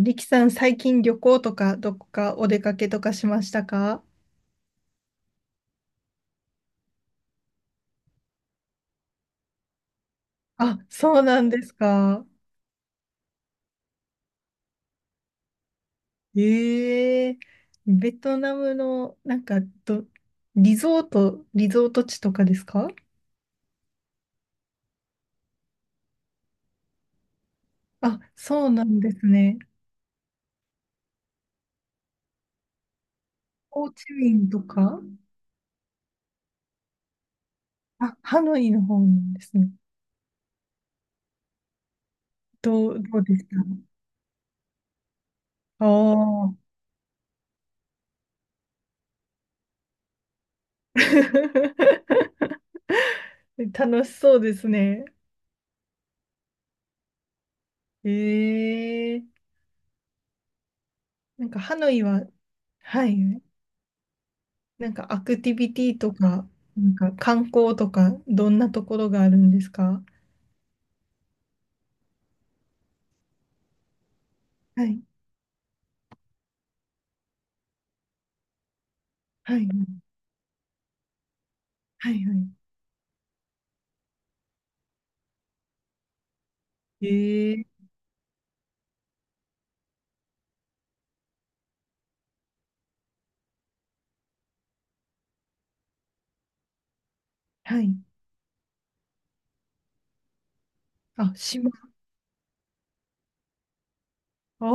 リキさん、最近旅行とか、どこかお出かけとかしましたか？あ、そうなんですか。ええ。ベトナムの、なんか、ど、リゾート地とかですか？あ、そうなんですね。ホーチミンとか？あ、ハノイの方なんですね。どう、どうでしたああー。楽しそうですね。ええ。なんかハノイは、はい、なんかアクティビティとか、なんか観光とか、どんなところがあるんですか？はい、はい、はい、はい。ええ。はい。あ、島。あ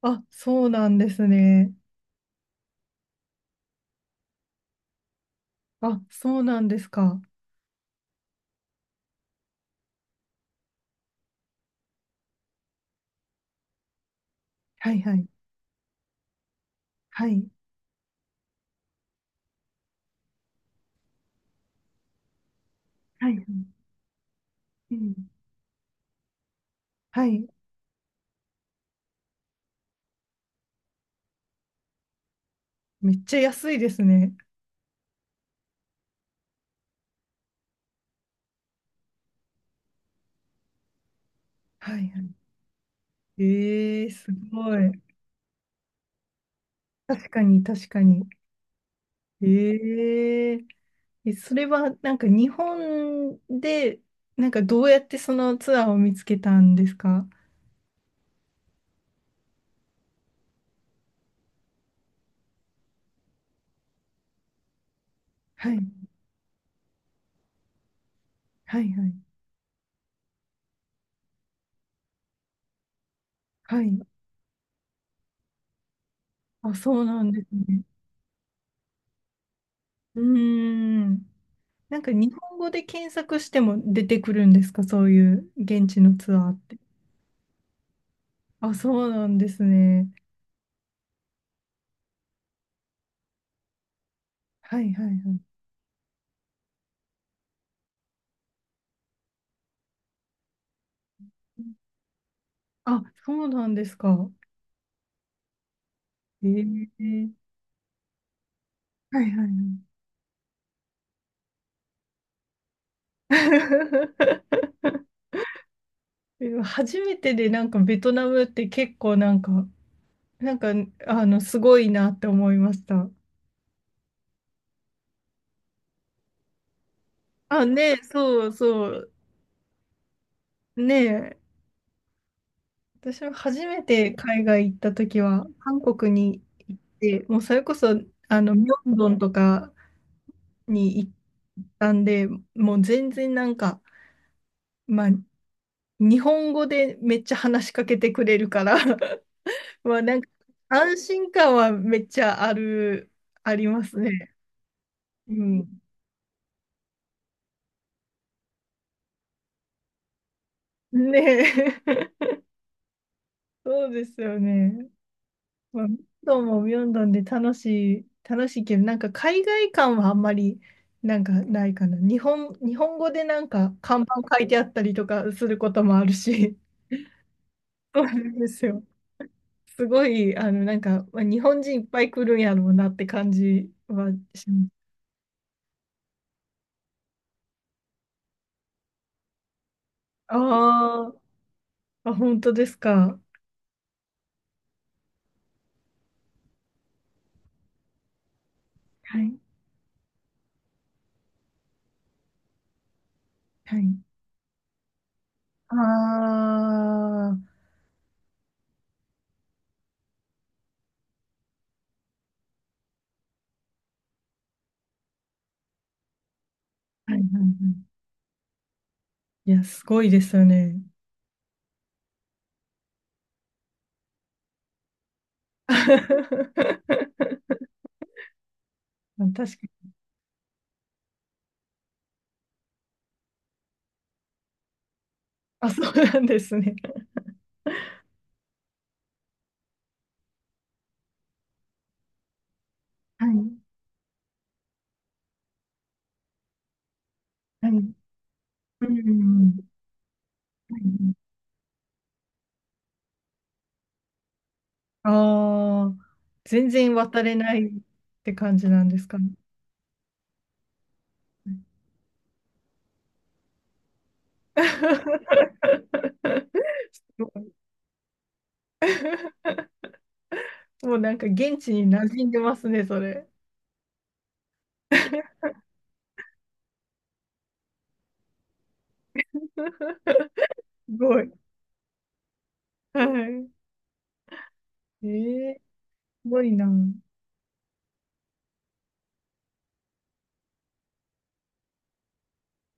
あ、あ、そうなんですね。あ、そうなんですか。はい、はい、はい、はい、はい。うん。はい。めっちゃ安いですね。はい、はい。ええ、すごい。確かに、確かに。ええ。え、それはなんか日本で、なんかどうやってそのツアーを見つけたんですか？はい、はい、はい。はい。あ、そうなんですね。うーん。なんか日本語で検索しても出てくるんですか、そういう現地のツアーって。あ、そうなんですね。はい、はい、はい。あ、そうなんですか。えー、はいはいはい。初めてでなんかベトナムって結構なんか、なんか、すごいなって思いました。あ、ねえ、そうそう、ねえ、私も初めて海外行った時は、韓国に行って、もうそれこそ、ミョンドンとかに行ったんで、もう全然なんか、まあ、日本語でめっちゃ話しかけてくれるから、まあ、なんか、安心感はめっちゃある、ありますね。うん。ねえ、そうですよね。まあミョンドンもミョンドンで楽しいけど、なんか海外感はあんまりなんかないかな。日本語でなんか看板書いてあったりとかすることもあるし、そうなんですよ。すごい、なんか、まあ、日本人いっぱい来るんやろうなって感じはします。あー。あ、本当ですか。はい、はい。ああ、はいはいはい。いや、すごいですよね。確かに。あ、そうなんですね。はい。はい。うん。はい。ああ、全然渡れないって感じなんですかね。もう、もうなんか現地に馴染んでますね、それ。すごい。はい。ええ、すごいな。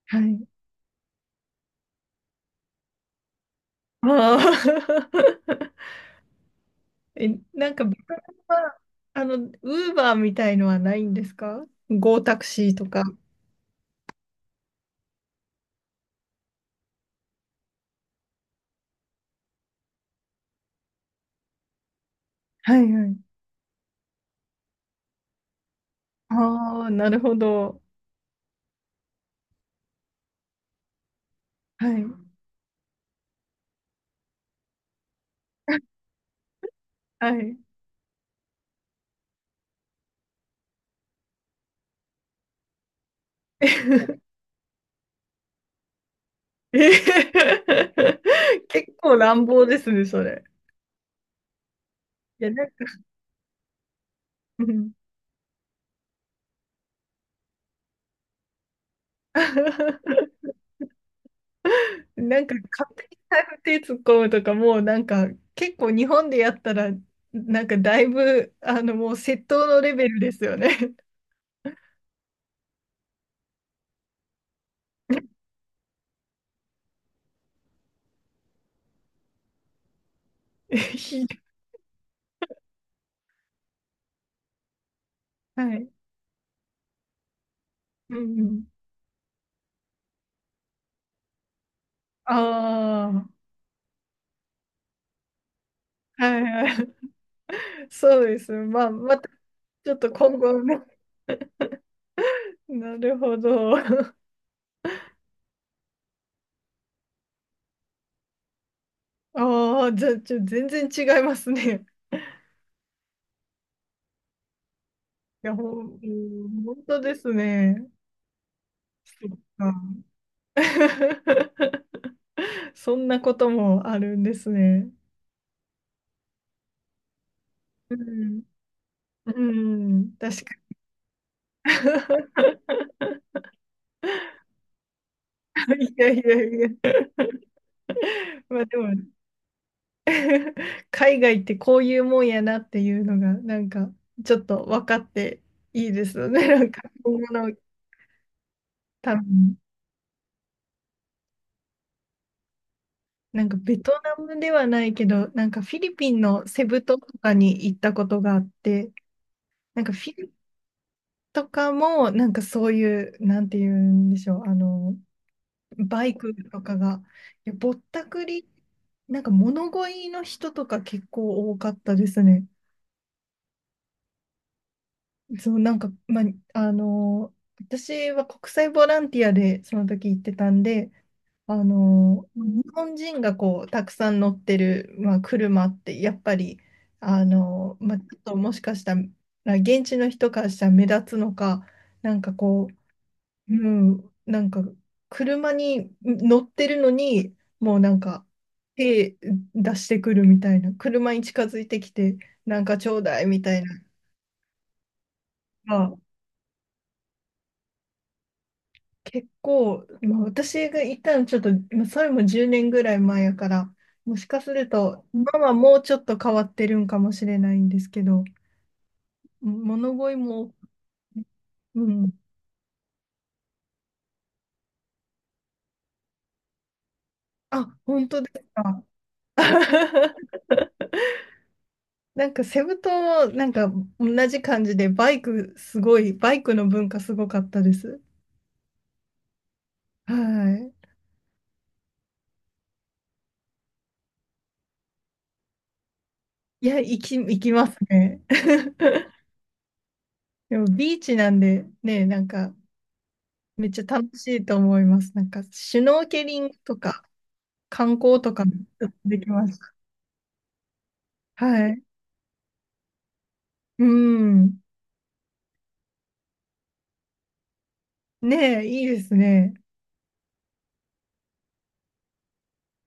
はい。ああ。え、なんかベトナムは、あの、ウーバーみたいのはないんですか、ゴータクシーとか。はいはい。ああ、なるほど。はい。はい。えー。 結構乱暴ですね、それ。いや、なんか、うん。 なんか勝手に財布手突っ込むとか、もうなんか、結構日本でやったら、なんかだいぶ、もう窃盗のレベルですよね。ひどい。はい。うんうん。ああ、はいはい。そうです。まあ、また、ちょっと今後ね。なるほど。ああ、じゃあ、ちょ、全然違いますね。いや、ほん、うん、本当ですね。そっか。 そんなこともあるんですね。うん、うん、確かに。いやいやいや。まあでも、海外ってこういうもんやなっていうのが、なんか、ちょっと分かっていいですよね。なんか、今後の多分、なんかベトナムではないけど、なんかフィリピンのセブ島とかに行ったことがあって、なんかフィリとかも、なんかそういう、なんて言うんでしょう、バイクとかが、いや、ぼったくり、なんか物乞いの人とか結構多かったですね。そう、なんか、まあ、あの、私は国際ボランティアでその時行ってたんで、日本人がこう、たくさん乗ってる、まあ、車って、やっぱり、まあ、ちょっともしかしたら、現地の人からしたら目立つのか、なんかこう、うん、なんか、車に乗ってるのに、もうなんか、手出してくるみたいな、車に近づいてきて、なんかちょうだいみたいな、まあ、結構、まあ、私がいたのちょっと、まあそれも10年ぐらい前やから、もしかすると、今はもうちょっと変わってるんかもしれないんですけど、物乞いも、うん、あ、本当ですか。なんかセブ島もなんか同じ感じでバイクすごい、バイクの文化すごかったです。はい。いや、行きますね。でもビーチなんでね、なんかめっちゃ楽しいと思います。なんかシュノーケリングとか観光とかできました。はい。うん。ねえ、いいですね。